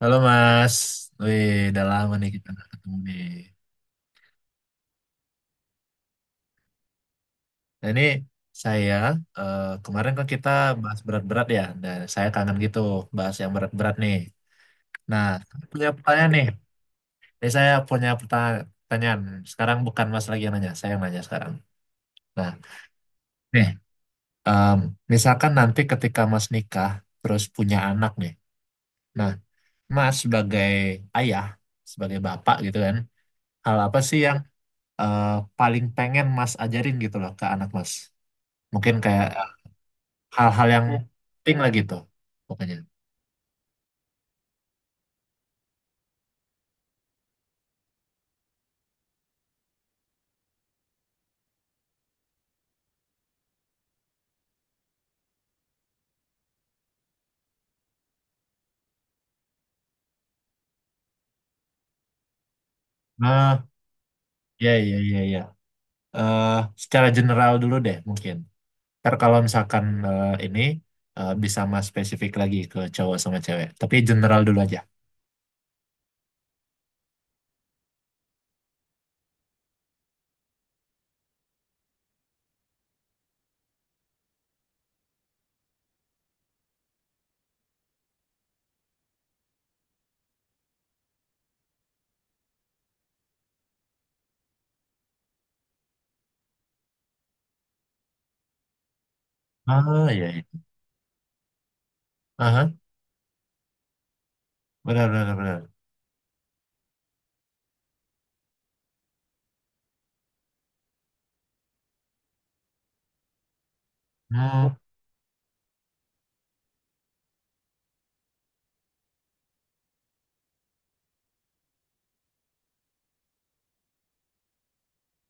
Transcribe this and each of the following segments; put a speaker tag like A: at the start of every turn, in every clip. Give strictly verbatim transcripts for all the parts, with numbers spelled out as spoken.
A: Halo Mas, wih udah lama nih kita nggak ketemu nih. Nah ini saya eh, kemarin kan kita bahas berat-berat ya, dan saya kangen gitu bahas yang berat-berat nih. Nah saya punya pertanyaan nih, ini saya punya perta- pertanyaan. Sekarang bukan Mas lagi yang nanya, saya yang nanya sekarang. Nah nih, em, misalkan nanti ketika Mas nikah terus punya anak nih, nah Mas sebagai ayah, sebagai bapak gitu kan, hal apa sih yang eh, paling pengen Mas ajarin gitu loh ke anak Mas? Mungkin kayak hal-hal yang ya, penting lah gitu, pokoknya. Nah, ya, ya, ya, ya. Eh, secara general dulu deh, mungkin. Ntar kalau misalkan eh, ini eh, bisa mas spesifik lagi ke cowok sama cewek. Tapi general dulu aja. Ah, ya, ya. Aha, benar, benar, benar. Hmm,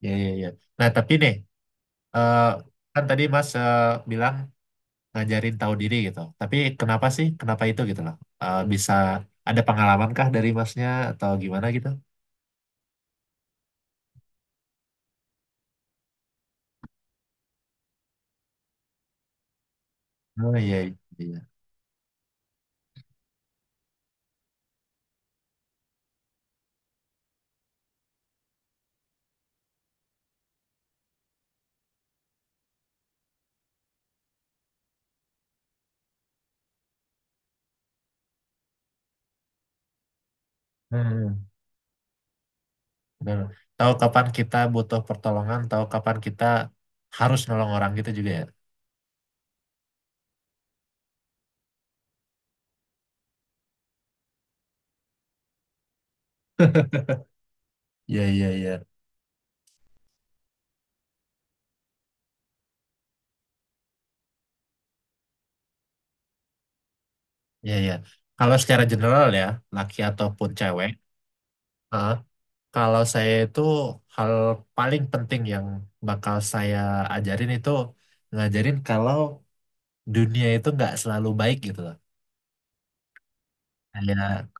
A: ya, ya, ya. Nah, tapi nih, eh, kan tadi mas eh, bilang ngajarin tahu diri gitu. Tapi kenapa sih? Kenapa itu gitu loh? Eh, bisa ada pengalaman kah dari masnya atau gimana gitu? Oh iya, iya, iya. Hmm, benar. Tahu kapan kita butuh pertolongan, tahu kapan kita harus nolong orang gitu juga ya. Iya, iya, iya. Iya, iya. Kalau secara general ya, laki ataupun cewek, eh, kalau saya itu hal paling penting yang bakal saya ajarin itu ngajarin kalau dunia itu nggak selalu baik gitu loh. Kayak,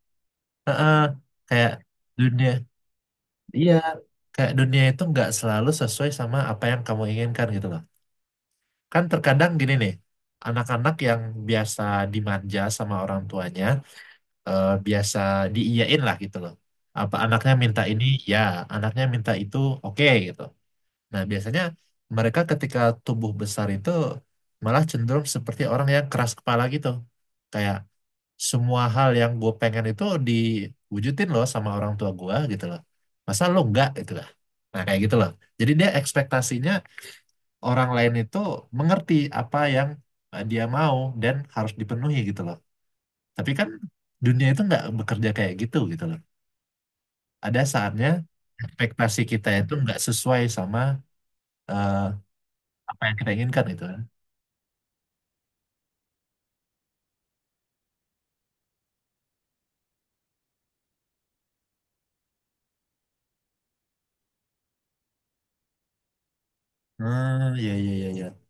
A: eh, eh, kayak dunia, iya, kayak dunia itu nggak selalu sesuai sama apa yang kamu inginkan gitu loh. Kan terkadang gini nih, anak-anak yang biasa dimanja sama orang tuanya, eh, biasa diiyain lah gitu loh. Apa anaknya minta ini, ya. Anaknya minta itu, oke gitu. Nah, biasanya mereka ketika tumbuh besar itu malah cenderung seperti orang yang keras kepala gitu. Kayak semua hal yang gue pengen itu diwujudin loh sama orang tua gue gitu loh. Masa lo enggak gitu lah. Nah, kayak gitu loh. Jadi dia ekspektasinya orang lain itu mengerti apa yang eh, dia mau dan harus dipenuhi gitu loh. Tapi kan dunia itu nggak bekerja kayak gitu gitu loh. Ada saatnya ekspektasi kita itu nggak sesuai sama eh, apa yang kita inginkan gitu kan. Hmm, ya, ya, ya, ya.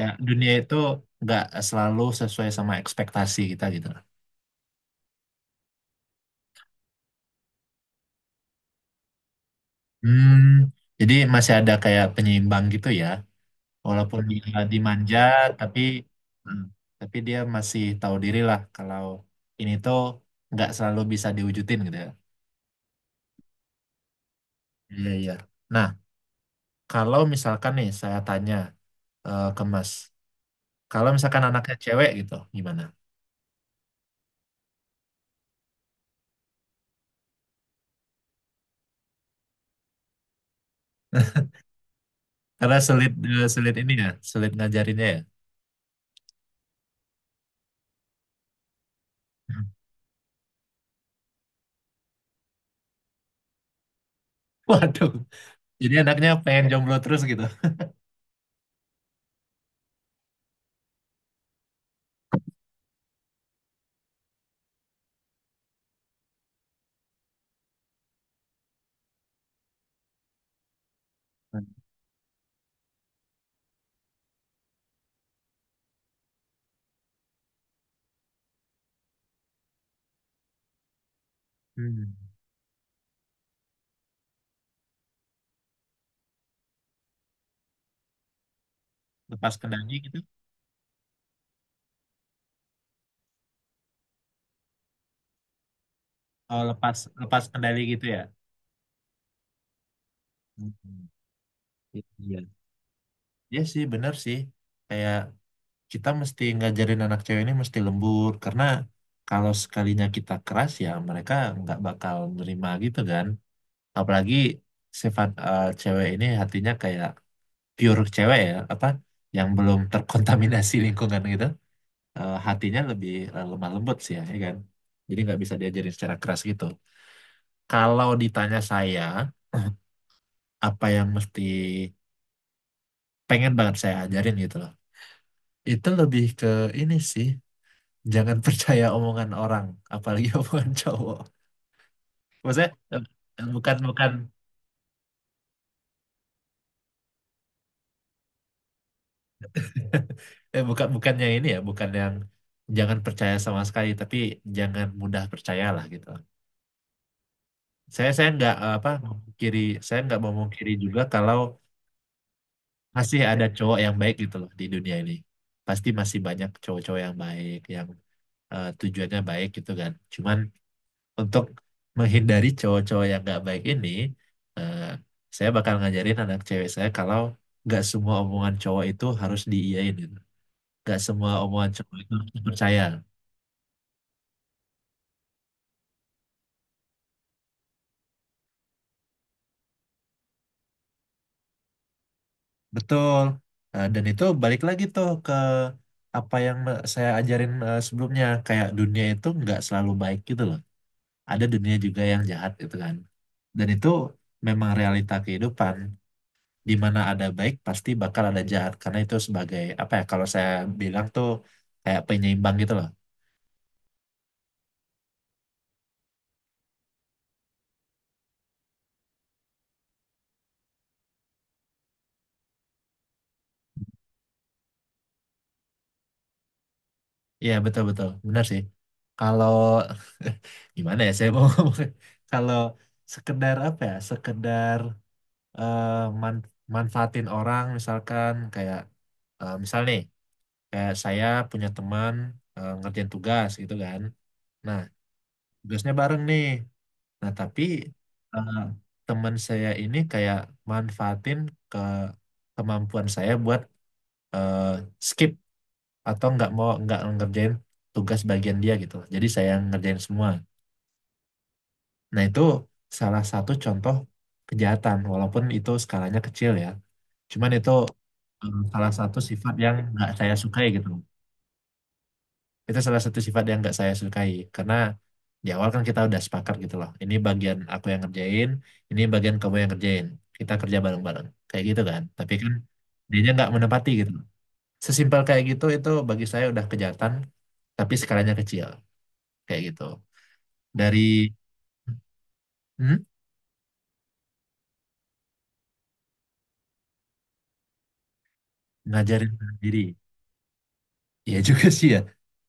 A: Ya, dunia itu nggak selalu sesuai sama ekspektasi kita gitu loh. Hmm, jadi masih ada kayak penyeimbang gitu ya, walaupun dia dimanja, tapi hmm, tapi dia masih tahu diri lah kalau ini tuh nggak selalu bisa diwujudin gitu ya. Iya, iya. Nah kalau misalkan nih saya tanya eh, ke Mas, kalau misalkan anaknya cewek gitu gimana? Karena sulit eh, sulit ini ya, sulit ngajarinnya ya. Hmm. Waduh, jadi anaknya pengen jomblo terus gitu. Hmm. Lepas kendali gitu. Oh, lepas lepas kendali gitu ya. Hmm. Iya. Iya sih bener sih. Kayak kita mesti ngajarin anak cewek ini mesti lembur karena kalau sekalinya kita keras ya mereka nggak bakal nerima gitu kan, apalagi sifat eh, cewek ini hatinya kayak pure cewek, ya, apa yang belum terkontaminasi lingkungan gitu. Eh, hatinya lebih eh, lemah lembut sih ya, ya kan, jadi nggak bisa diajarin secara keras gitu. Kalau ditanya saya, apa yang mesti pengen banget saya ajarin gitu loh, itu lebih ke ini sih, jangan percaya omongan orang, apalagi omongan cowok. Maksudnya eh, eh, bukan bukan eh, bukan bukannya ini ya, bukan yang jangan percaya sama sekali, tapi jangan mudah percayalah gitu. Saya saya nggak eh, apa kiri, saya nggak mau kiri juga kalau masih ada cowok yang baik gitu loh di dunia ini. Pasti masih banyak cowok-cowok yang baik, yang eh, tujuannya baik gitu kan. Cuman untuk menghindari cowok-cowok yang nggak baik ini, eh, saya bakal ngajarin anak cewek saya kalau nggak semua omongan cowok itu harus diiyain gitu. Nggak semua omongan cowok itu harus dipercaya. Betul. Eh, dan itu balik lagi tuh ke apa yang me- saya ajarin eh, sebelumnya. Kayak dunia itu nggak selalu baik gitu loh. Ada dunia juga yang jahat gitu kan. Dan itu memang realita kehidupan, di mana ada baik pasti bakal ada jahat karena itu sebagai apa ya, kalau saya bilang tuh kayak penyeimbang gitu loh. Iya betul betul benar sih. Kalau gimana ya saya mau ngomong, kalau sekedar apa ya, sekedar eh, man- manfaatin orang misalkan kayak eh, misal nih kayak saya punya teman eh, ngerjain tugas gitu kan. Nah tugasnya bareng nih. Nah tapi teman saya ini kayak manfaatin ke kemampuan saya buat eh, skip atau nggak mau nggak ngerjain tugas bagian dia gitu. Jadi saya yang ngerjain semua. Nah itu salah satu contoh kejahatan, walaupun itu skalanya kecil ya. Cuman itu eh, salah satu sifat yang nggak saya sukai gitu. Itu salah satu sifat yang nggak saya sukai karena di awal kan kita udah sepakat gitu loh. Ini bagian aku yang ngerjain, ini bagian kamu yang ngerjain. Kita kerja bareng-bareng. Kayak gitu kan. Tapi kan dianya nggak menepati gitu loh. Sesimpel kayak gitu itu bagi saya udah kejahatan tapi skalanya kecil kayak gitu. Dari hmm? Ngajarin diri, ya juga sih ya.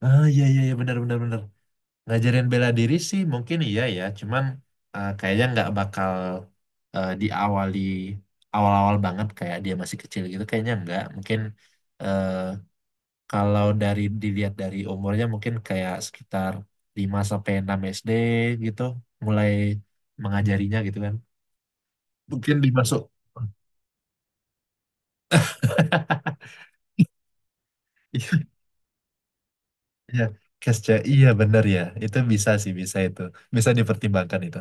A: Ah, iya iya iya, benar benar benar. Ngajarin bela diri sih mungkin iya ya, cuman eh, kayaknya nggak bakal eh, diawali awal-awal banget kayak dia masih kecil gitu, kayaknya nggak. Mungkin eh, kalau dari dilihat dari umurnya mungkin kayak sekitar lima sampai enam S D gitu, mulai mengajarinya gitu kan. Mungkin dimasuk. Iya, iya. Cash check, iya bener ya. Itu bisa sih, bisa itu. Bisa dipertimbangkan itu.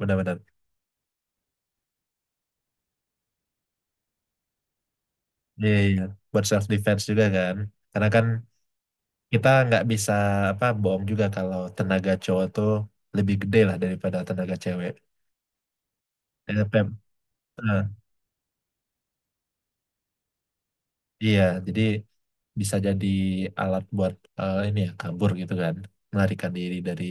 A: Benar-benar. Iya, iya. Buat self defense juga kan. Karena kan kita nggak bisa apa bohong juga kalau tenaga cowok tuh lebih gede lah daripada tenaga cewek. Eh, pem, eh, iya, jadi bisa jadi alat buat eh, ini ya kabur gitu kan, melarikan diri dari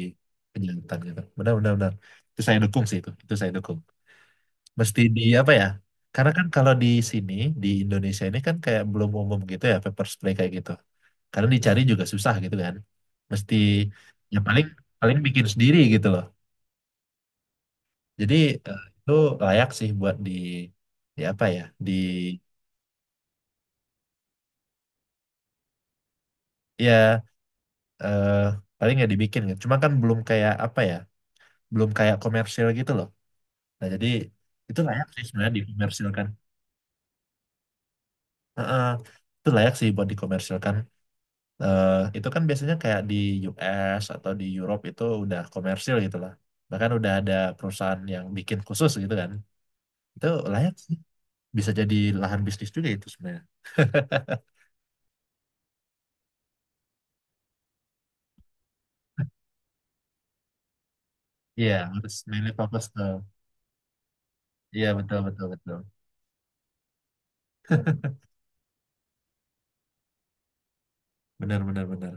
A: kejahatan gitu. Benar-benar benar, benar. Itu saya dukung sih itu, itu saya dukung. Mesti di apa ya? Karena kan kalau di sini di Indonesia ini kan kayak belum umum gitu ya pepper spray kayak gitu. Karena dicari juga susah gitu kan. Mesti ya paling paling bikin sendiri gitu loh. Jadi eh, itu layak sih buat di di apa ya? Di ya eh paling nggak dibikin gitu. Cuma kan belum kayak apa ya? Belum kayak komersil gitu loh. Nah, jadi itu layak sih sebenarnya dikomersilkan. Heeh, itu layak sih buat dikomersilkan. Eh itu kan biasanya kayak di U S atau di Europe itu udah komersil gitu lah. Bahkan udah ada perusahaan yang bikin khusus gitu kan. Itu layak sih. Bisa jadi lahan bisnis juga itu sebenarnya. Iya, harus mainly fokus ke iya betul betul betul. Benar benar benar.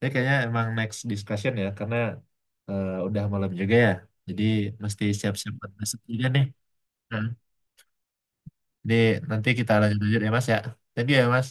A: Ya kayaknya emang next discussion ya karena eh, udah malam juga ya. Jadi mesti siap-siap buat besok juga nih. Nah, jadi nanti kita lanjut-lanjut ya Mas ya. Thank you ya Mas.